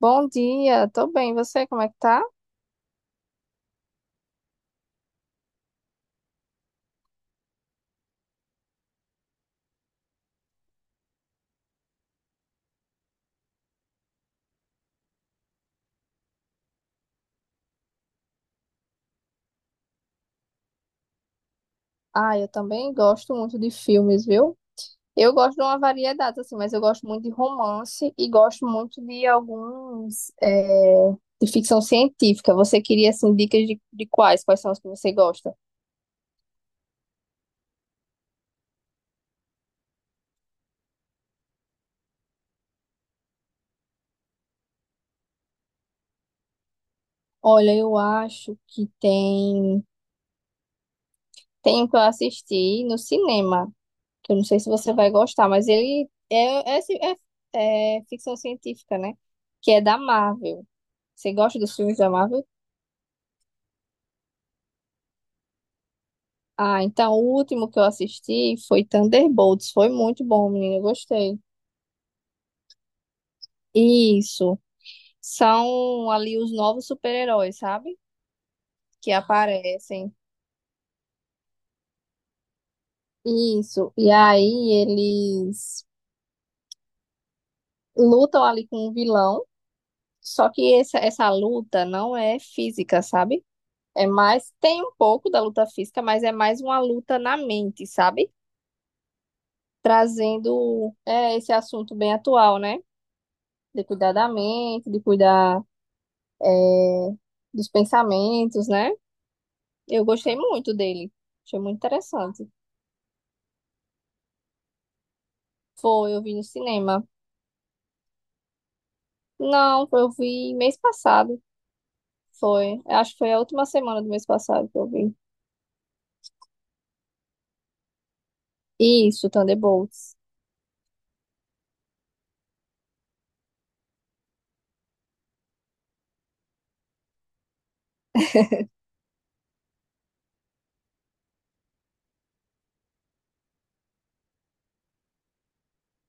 Bom dia, tô bem. Você, como é que tá? Ah, eu também gosto muito de filmes, viu? Eu gosto de uma variedade, assim, mas eu gosto muito de romance e gosto muito de alguns, de ficção científica. Você queria, assim, dicas de quais? Quais são os que você gosta? Olha, eu acho que tem um que eu assisti no cinema, que eu não sei se você vai gostar, mas ele é, ficção científica, né? Que é da Marvel. Você gosta dos filmes da Marvel? Ah, então o último que eu assisti foi Thunderbolts. Foi muito bom, menina. Eu gostei. Isso. São ali os novos super-heróis, sabe? Que aparecem. Isso. E aí eles lutam ali com um vilão. Só que essa luta não é física, sabe? É mais. Tem um pouco da luta física, mas é mais uma luta na mente, sabe? Trazendo esse assunto bem atual, né? De cuidar da mente, de cuidar é, dos pensamentos, né? Eu gostei muito dele. Achei muito interessante. Foi, eu vi no cinema. Não, eu vi mês passado. Foi. Acho que foi a última semana do mês passado que eu vi. Isso, Thunderbolts.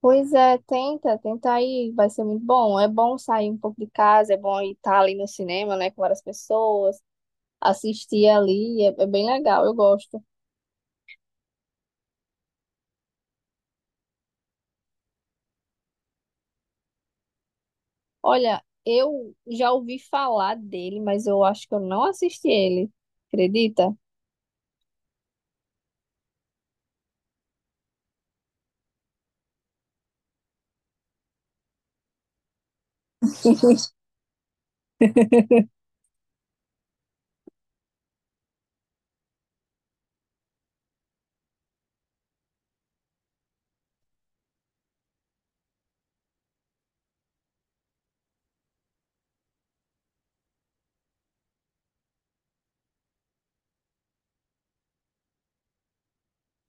Pois é, tenta, tenta aí, vai ser muito bom. É bom sair um pouco de casa, é bom estar ali no cinema, né, com várias pessoas, assistir ali, é bem legal, eu gosto. Olha, eu já ouvi falar dele, mas eu acho que eu não assisti ele, acredita?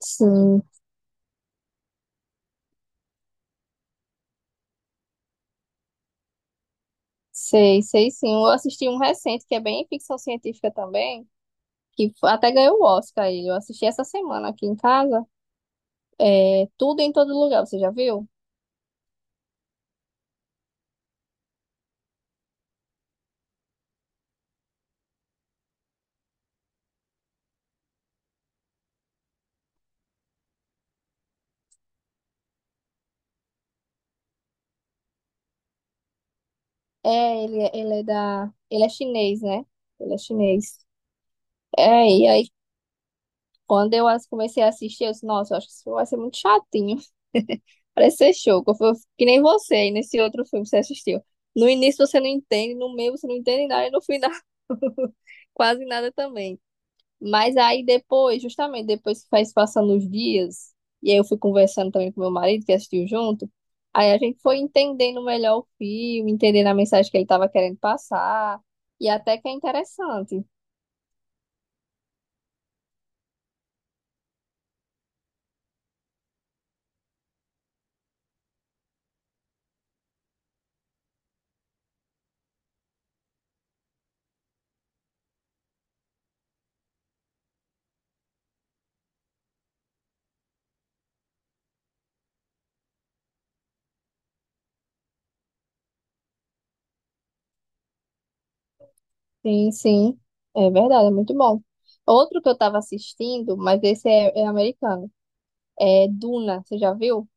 Sim, sei sim. Eu assisti um recente que é bem ficção científica também, que até ganhou o Oscar ele. Eu assisti essa semana aqui em casa. É Tudo em Todo Lugar, você já viu? É, ele, é, ele é da, ele é chinês, né? Ele é chinês. É, e aí quando eu as- comecei a assistir, eu disse, nossa, eu acho que isso vai ser muito chatinho. Parece ser show, que eu que nem você aí nesse outro filme que você assistiu. No início você não entende, no meio você não entende nada e no final quase nada também. Mas aí depois, justamente depois que faz passando os dias, e aí eu fui conversando também com meu marido, que assistiu junto, aí a gente foi entendendo melhor o filme, entendendo a mensagem que ele estava querendo passar, e até que é interessante. Sim, sim, é verdade, é muito bom. Outro que eu estava assistindo, mas esse é americano, é Duna, você já viu?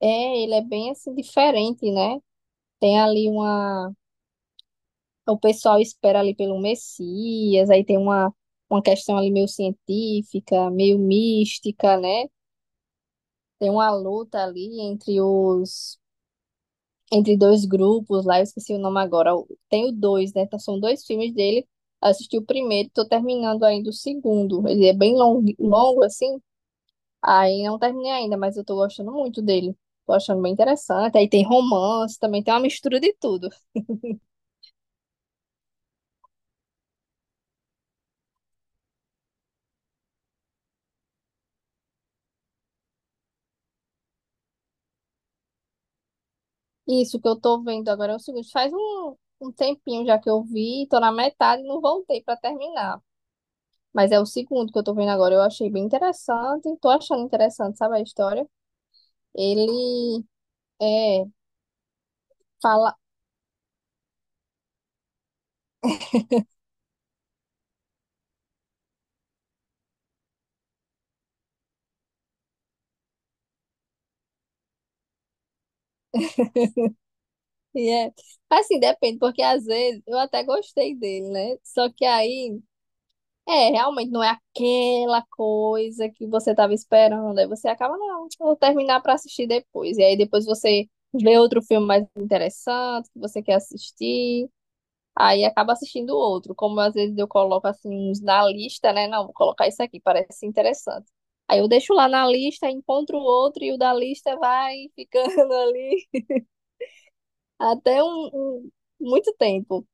É, ele é bem assim diferente, né? Tem ali uma. Então, o pessoal espera ali pelo Messias, aí tem uma questão ali meio científica, meio mística, né? Tem uma luta ali entre os entre dois grupos lá, eu esqueci o nome agora. Tem o dois, né? Então, são dois filmes dele. Eu assisti o primeiro, tô terminando ainda o segundo. Ele é bem longo, longo assim. Aí não terminei ainda, mas eu tô gostando muito dele. Tô achando bem interessante. Aí tem romance, também tem uma mistura de tudo. Isso que eu tô vendo agora é o seguinte, faz um tempinho já que eu vi, tô na metade e não voltei pra terminar. Mas é o segundo que eu tô vendo agora, eu achei bem interessante, tô achando interessante, sabe a história? Ele é, fala, e é, assim, depende, porque às vezes eu até gostei dele, né? Só que aí, realmente não é aquela coisa que você tava esperando, aí você acaba, não, eu vou terminar pra assistir depois. E aí depois você vê outro filme mais interessante que você quer assistir. Aí acaba assistindo outro. Como às vezes eu coloco assim uns na lista, né? Não, vou colocar isso aqui, parece interessante. Aí eu deixo lá na lista, encontro outro e o da lista vai ficando ali até um- muito tempo.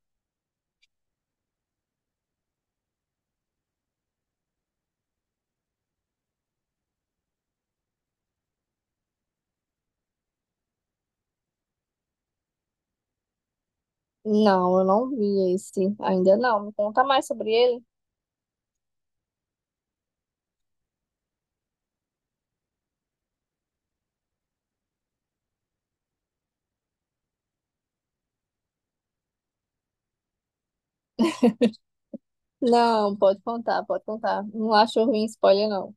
Não, eu não vi esse ainda não. Me conta mais sobre ele. Não, pode contar, pode contar. Não acho ruim spoiler, não.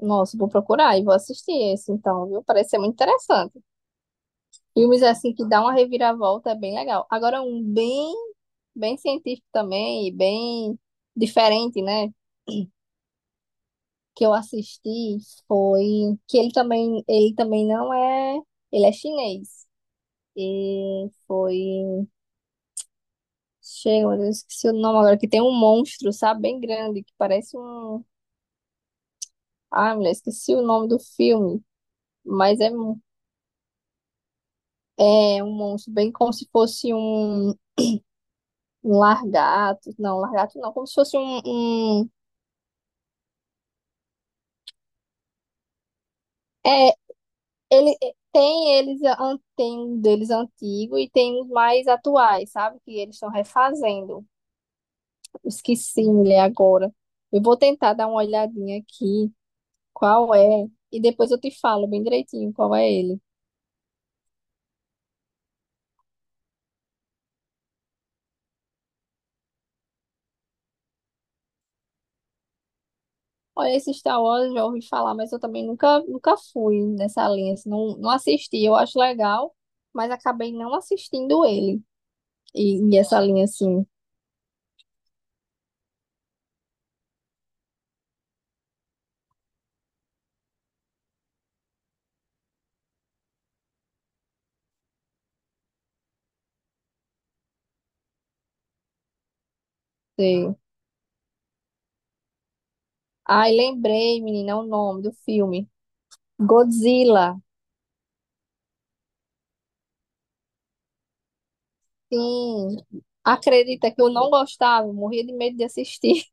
Nossa, vou procurar e vou assistir esse então, viu? Parece ser muito interessante. Filmes assim que dá uma reviravolta é bem legal. Agora, um bem bem científico também e bem diferente, né? Que eu assisti foi que ele também não é, ele é chinês. E foi, chega, mas eu esqueci o nome agora, que tem um monstro, sabe, bem grande, que parece um, ah, mulher, esqueci o nome do filme, mas é um monstro, bem como se fosse largato não, como se fosse um- é Ele tem eles tem um deles antigo e tem os mais atuais, sabe? Que eles estão refazendo. Esqueci, mulher, agora. Eu vou tentar dar uma olhadinha aqui, qual é, e depois eu te falo bem direitinho qual é ele. Olha, esse Star Wars eu já ouvi falar, mas eu também nunca fui nessa linha, assim, não, não assisti. Eu acho legal, mas acabei não assistindo ele. E, e essa linha assim. Sei. Ai, lembrei, menina, o nome do filme. Godzilla. Sim, acredita que eu não gostava, eu morria de medo de assistir.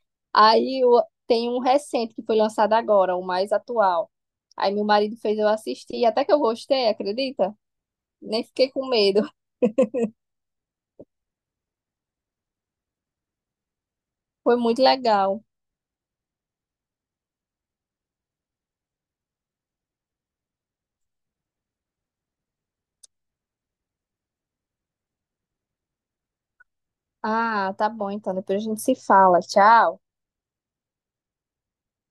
Aí eu, tem um recente que foi lançado agora, o mais atual. Aí meu marido fez eu assistir, até que eu gostei, acredita? Nem fiquei com medo. Foi muito legal. Ah, tá bom, então depois a gente se fala. Tchau.